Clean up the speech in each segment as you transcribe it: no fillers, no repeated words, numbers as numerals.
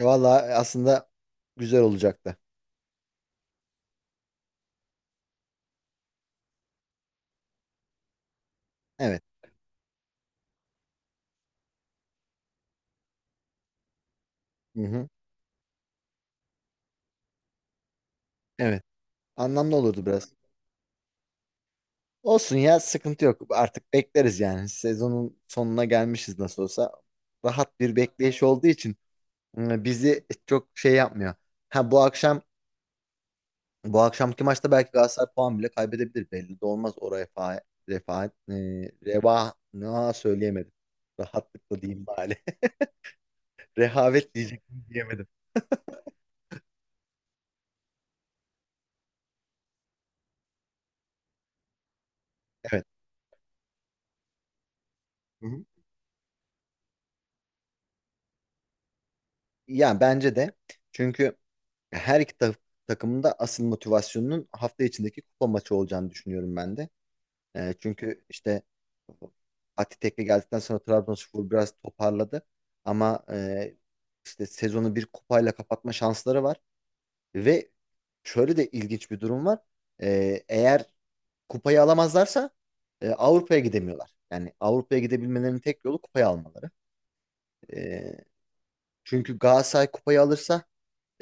Valla aslında güzel olacaktı. Evet. Hı hı. Evet. Anlamlı olurdu biraz. Olsun ya sıkıntı yok. Artık bekleriz yani. Sezonun sonuna gelmişiz nasıl olsa. Rahat bir bekleyiş olduğu için bizi çok şey yapmıyor. Ha bu akşamki maçta belki Galatasaray puan bile kaybedebilir. Belli de olmaz o refa e, reva ne söyleyemedim. Rahatlıkla diyeyim bari. Rehavet diyecektim diyemedim. Evet. Hı hı. Yani bence de çünkü her iki takımın da asıl motivasyonunun hafta içindeki kupa maçı olacağını düşünüyorum ben de. Çünkü işte Fatih Tekke geldikten sonra Trabzonspor biraz toparladı. Ama işte sezonu bir kupayla kapatma şansları var. Ve şöyle de ilginç bir durum var. Eğer kupayı alamazlarsa Avrupa'ya gidemiyorlar. Yani Avrupa'ya gidebilmelerinin tek yolu kupayı almaları. E, çünkü Galatasaray kupayı alırsa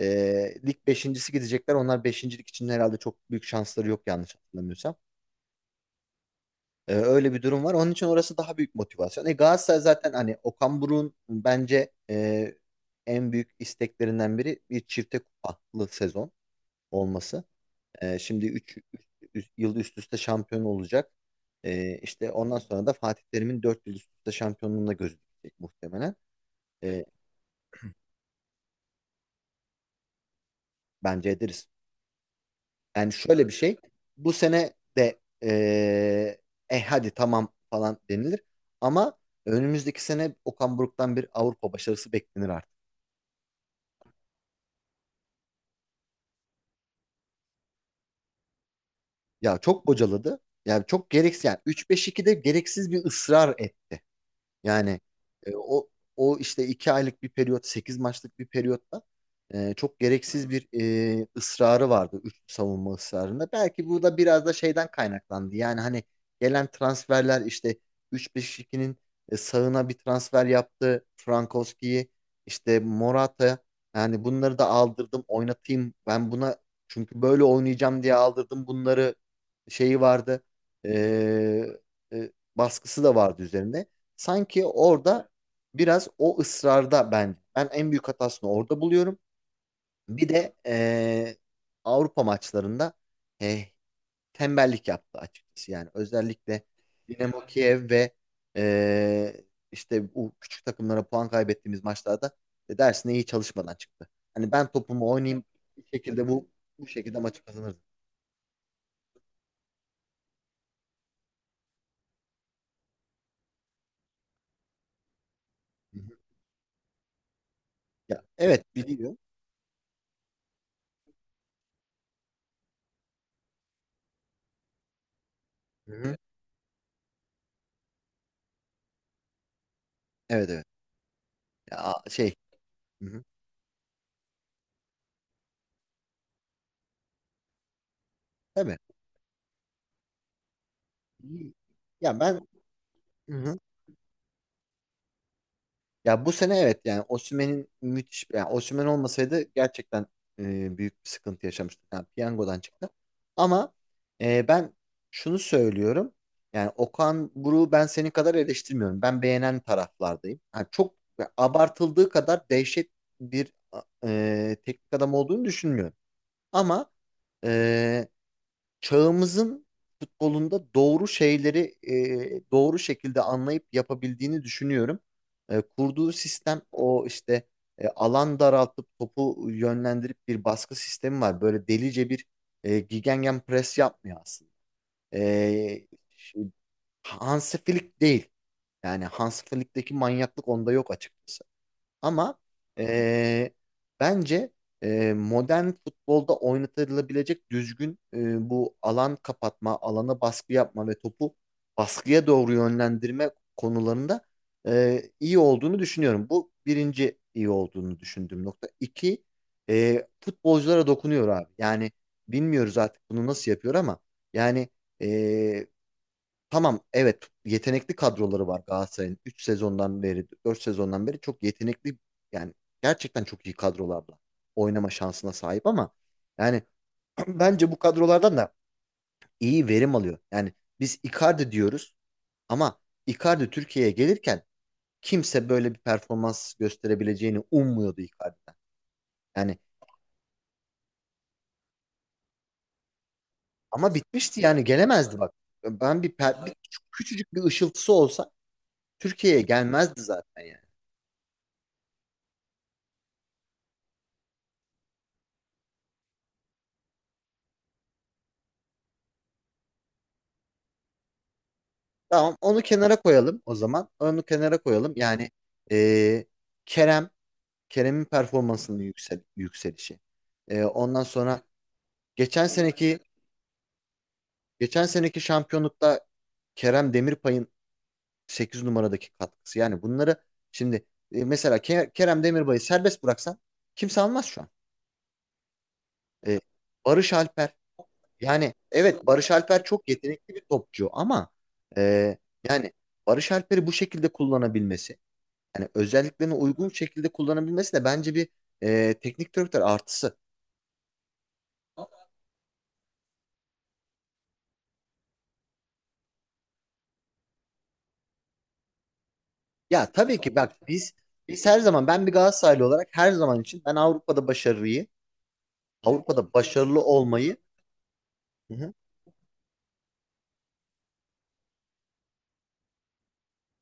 lig beşincisi gidecekler. Onlar beşincilik için herhalde çok büyük şansları yok yanlış hatırlamıyorsam. Öyle bir durum var. Onun için orası daha büyük motivasyon. Galatasaray zaten hani Okan Buruk'un bence en büyük isteklerinden biri bir çifte kupalı sezon olması. Şimdi 3 yıl üst üste şampiyon olacak. İşte ondan sonra da Fatih Terim'in 4 yıl üst üste şampiyonluğuna gözükecek muhtemelen. Ee, bence ederiz. Yani şöyle bir şey. Bu sene de hadi tamam falan denilir. Ama önümüzdeki sene Okan Buruk'tan bir Avrupa başarısı beklenir artık. Ya çok bocaladı. Yani çok gereksiz. Yani 3-5-2'de gereksiz bir ısrar etti. Yani e, o o işte 2 aylık bir periyot, 8 maçlık bir periyotta çok gereksiz bir ısrarı vardı üçlü savunma ısrarında. Belki bu da biraz da şeyden kaynaklandı. Yani hani gelen transferler işte üç 5 2nin sağına bir transfer yaptı. Frankowski'yi işte Morata, yani bunları da aldırdım oynatayım. Ben buna çünkü böyle oynayacağım diye aldırdım bunları şeyi vardı. E, baskısı da vardı üzerinde. Sanki orada biraz o ısrarda ben en büyük hatasını orada buluyorum. Bir de Avrupa maçlarında eh, tembellik yaptı açıkçası. Yani özellikle Dinamo Kiev ve eee, işte bu küçük takımlara puan kaybettiğimiz maçlarda dersine iyi çalışmadan çıktı. Hani ben topumu oynayayım bir şekilde bu şekilde maçı kazanırdım. Hı hı. Ya, evet biliyor. Hı hı. Evet, evet. Ya, şey. Hı hı. Tabii. Ya ben. Hı hı. Ya bu sene evet yani Osimhen'in müthiş, yani Osimhen olmasaydı gerçekten büyük bir sıkıntı yaşamıştık. Yani piyangodan çıktı. Ama ben şunu söylüyorum. Yani Okan Buruk'u ben senin kadar eleştirmiyorum. Ben beğenen taraflardayım. Yani çok abartıldığı kadar dehşet bir teknik adam olduğunu düşünmüyorum. Ama e, çağımızın futbolunda doğru şeyleri doğru şekilde anlayıp yapabildiğini düşünüyorum. Kurduğu sistem o işte alan daraltıp topu yönlendirip bir baskı sistemi var. Böyle delice bir gegenpress pres yapmıyor aslında. E, şey, Hansi Flick değil. Yani Hansi Flick'teki manyaklık onda yok açıkçası. Ama eee, bence modern futbolda oynatılabilecek düzgün bu alan kapatma, alana baskı yapma ve topu baskıya doğru yönlendirme konularında iyi olduğunu düşünüyorum. Bu birinci iyi olduğunu düşündüğüm nokta. İki, futbolculara dokunuyor abi. Yani bilmiyoruz artık bunu nasıl yapıyor ama yani eee, Tamam evet yetenekli kadroları var Galatasaray'ın 3 sezondan beri, 4 sezondan beri çok yetenekli, yani gerçekten çok iyi kadrolarla oynama şansına sahip ama yani bence bu kadrolardan da iyi verim alıyor. Yani biz Icardi diyoruz ama Icardi Türkiye'ye gelirken kimse böyle bir performans gösterebileceğini ummuyordu Icardi'den. Yani ama bitmişti yani gelemezdi bak. Ben bir küçücük bir ışıltısı olsa Türkiye'ye gelmezdi zaten yani. Tamam, onu kenara koyalım o zaman. Onu kenara koyalım. Yani e, Kerem, Kerem'in performansının yükselişi. Ondan sonra geçen seneki geçen seneki şampiyonlukta Kerem Demirbay'ın 8 numaradaki katkısı. Yani bunları şimdi mesela Kerem Demirbay'ı serbest bıraksan kimse almaz şu an. E, Barış Alper, yani evet Barış Alper çok yetenekli bir topçu ama e, yani Barış Alper'i bu şekilde kullanabilmesi, yani özelliklerini uygun şekilde kullanabilmesi de bence bir teknik direktör artısı. Ya tabii ki bak, biz her zaman, ben bir Galatasaraylı olarak her zaman için ben Avrupa'da başarıyı, Avrupa'da başarılı olmayı, hı hı,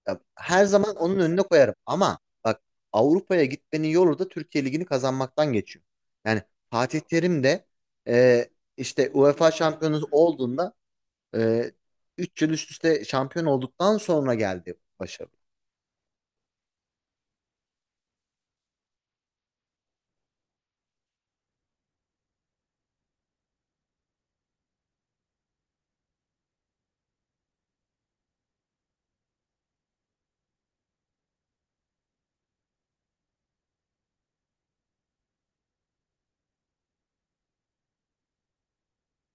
ya her zaman onun önüne koyarım. Ama bak Avrupa'ya gitmenin yolu da Türkiye Ligi'ni kazanmaktan geçiyor. Yani Fatih Terim de e, işte UEFA şampiyonu olduğunda e, 3 yıl üst üste şampiyon olduktan sonra geldi başarı.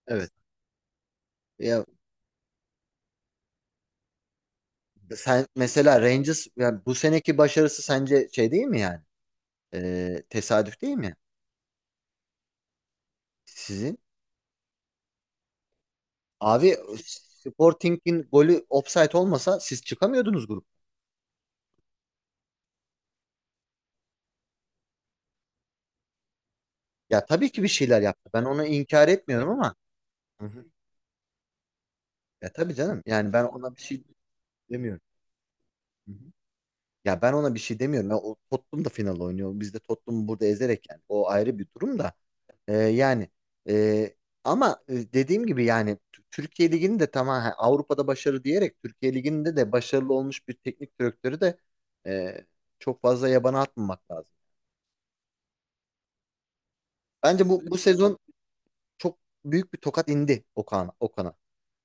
Evet. Ya. Sen mesela Rangers, yani bu seneki başarısı sence şey değil mi yani? Tesadüf değil mi sizin? Abi Sporting'in golü offside olmasa siz çıkamıyordunuz grup. Ya tabii ki bir şeyler yaptı. Ben onu inkar etmiyorum ama. Hı hı. Ya tabii canım. Yani ben ona bir şey demiyorum. Hı hı. Ya ben ona bir şey demiyorum. Ya o Tottenham da final oynuyor. Biz de Tottenham'ı burada ezerek yani. O ayrı bir durum da. Yani e, ama dediğim gibi yani Türkiye Ligi'nin de, tamam ha, Avrupa'da başarı diyerek Türkiye Ligi'nde de başarılı olmuş bir teknik direktörü de e, çok fazla yabana atmamak lazım. Bence bu sezon çok büyük bir tokat indi Okan'a.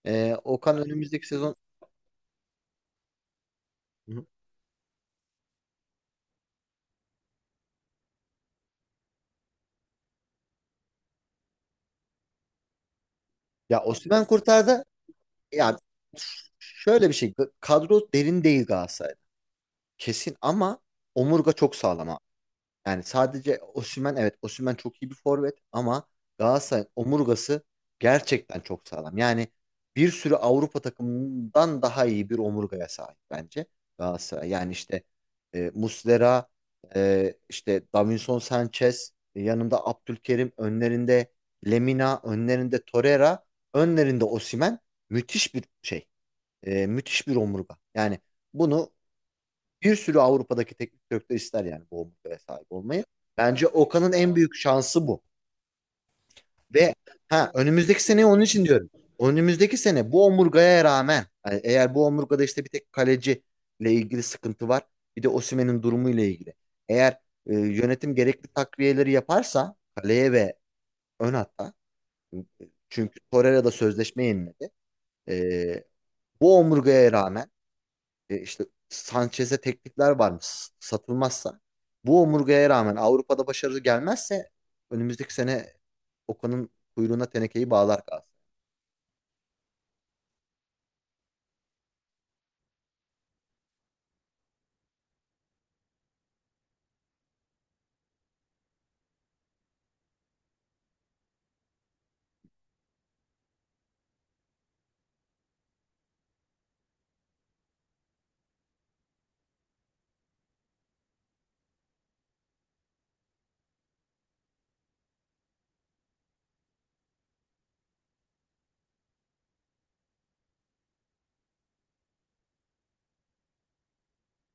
Okan önümüzdeki sezon. Hı hı. Ya Osimhen kurtardı. Ya şöyle bir şey, kadro derin değil Galatasaray'da. Kesin, ama omurga çok sağlam. Yani sadece Osimhen, evet, Osimhen çok iyi bir forvet ama Galatasaray'ın omurgası gerçekten çok sağlam. Yani bir sürü Avrupa takımından daha iyi bir omurgaya sahip bence Galatasaray. Yani işte Muslera, işte Davinson Sanchez, yanında Abdülkerim, önlerinde Lemina, önlerinde Torreira, önlerinde Osimhen, müthiş bir şey. Müthiş bir omurga. Yani bunu bir sürü Avrupa'daki teknik direktör ister, yani bu omurgaya sahip olmayı. Bence Okan'ın en büyük şansı bu. Ve ha, önümüzdeki sene onun için diyorum. Önümüzdeki sene bu omurgaya rağmen, yani eğer bu omurgada işte bir tek kaleci ile ilgili sıkıntı var. Bir de Osimhen'in durumu ile ilgili. Eğer yönetim gerekli takviyeleri yaparsa kaleye ve ön hatta, çünkü Torreira da sözleşme yeniledi. E, bu omurgaya rağmen. E, işte Sanchez'e teklifler varmış, satılmazsa. Bu omurgaya rağmen Avrupa'da başarı gelmezse önümüzdeki sene Okan'ın kuyruğuna tenekeyi bağlar kalsın.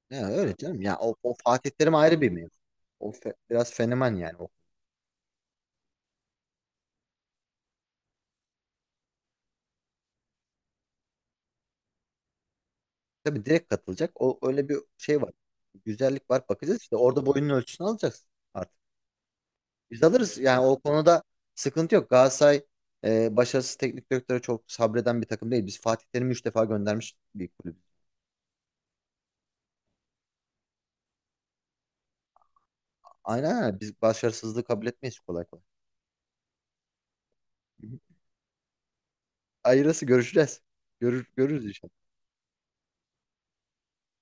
Ya öyle canım. Ya o Fatih Terim ayrı bir mevzu. O biraz fenomen yani. O, tabii direkt katılacak. O öyle bir şey var. Güzellik var. Bakacağız işte orada boyunun ölçüsünü alacağız artık. Biz alırız. Yani o konuda sıkıntı yok. Galatasaray başarısız teknik direktöre çok sabreden bir takım değil. Biz Fatih Terim'i 3 defa göndermiş bir kulüp. Aynen, aynen. Biz başarısızlığı kabul etmeyiz kolay kolay. Hı hı. Ayrısı görüşeceğiz. Görürüz inşallah.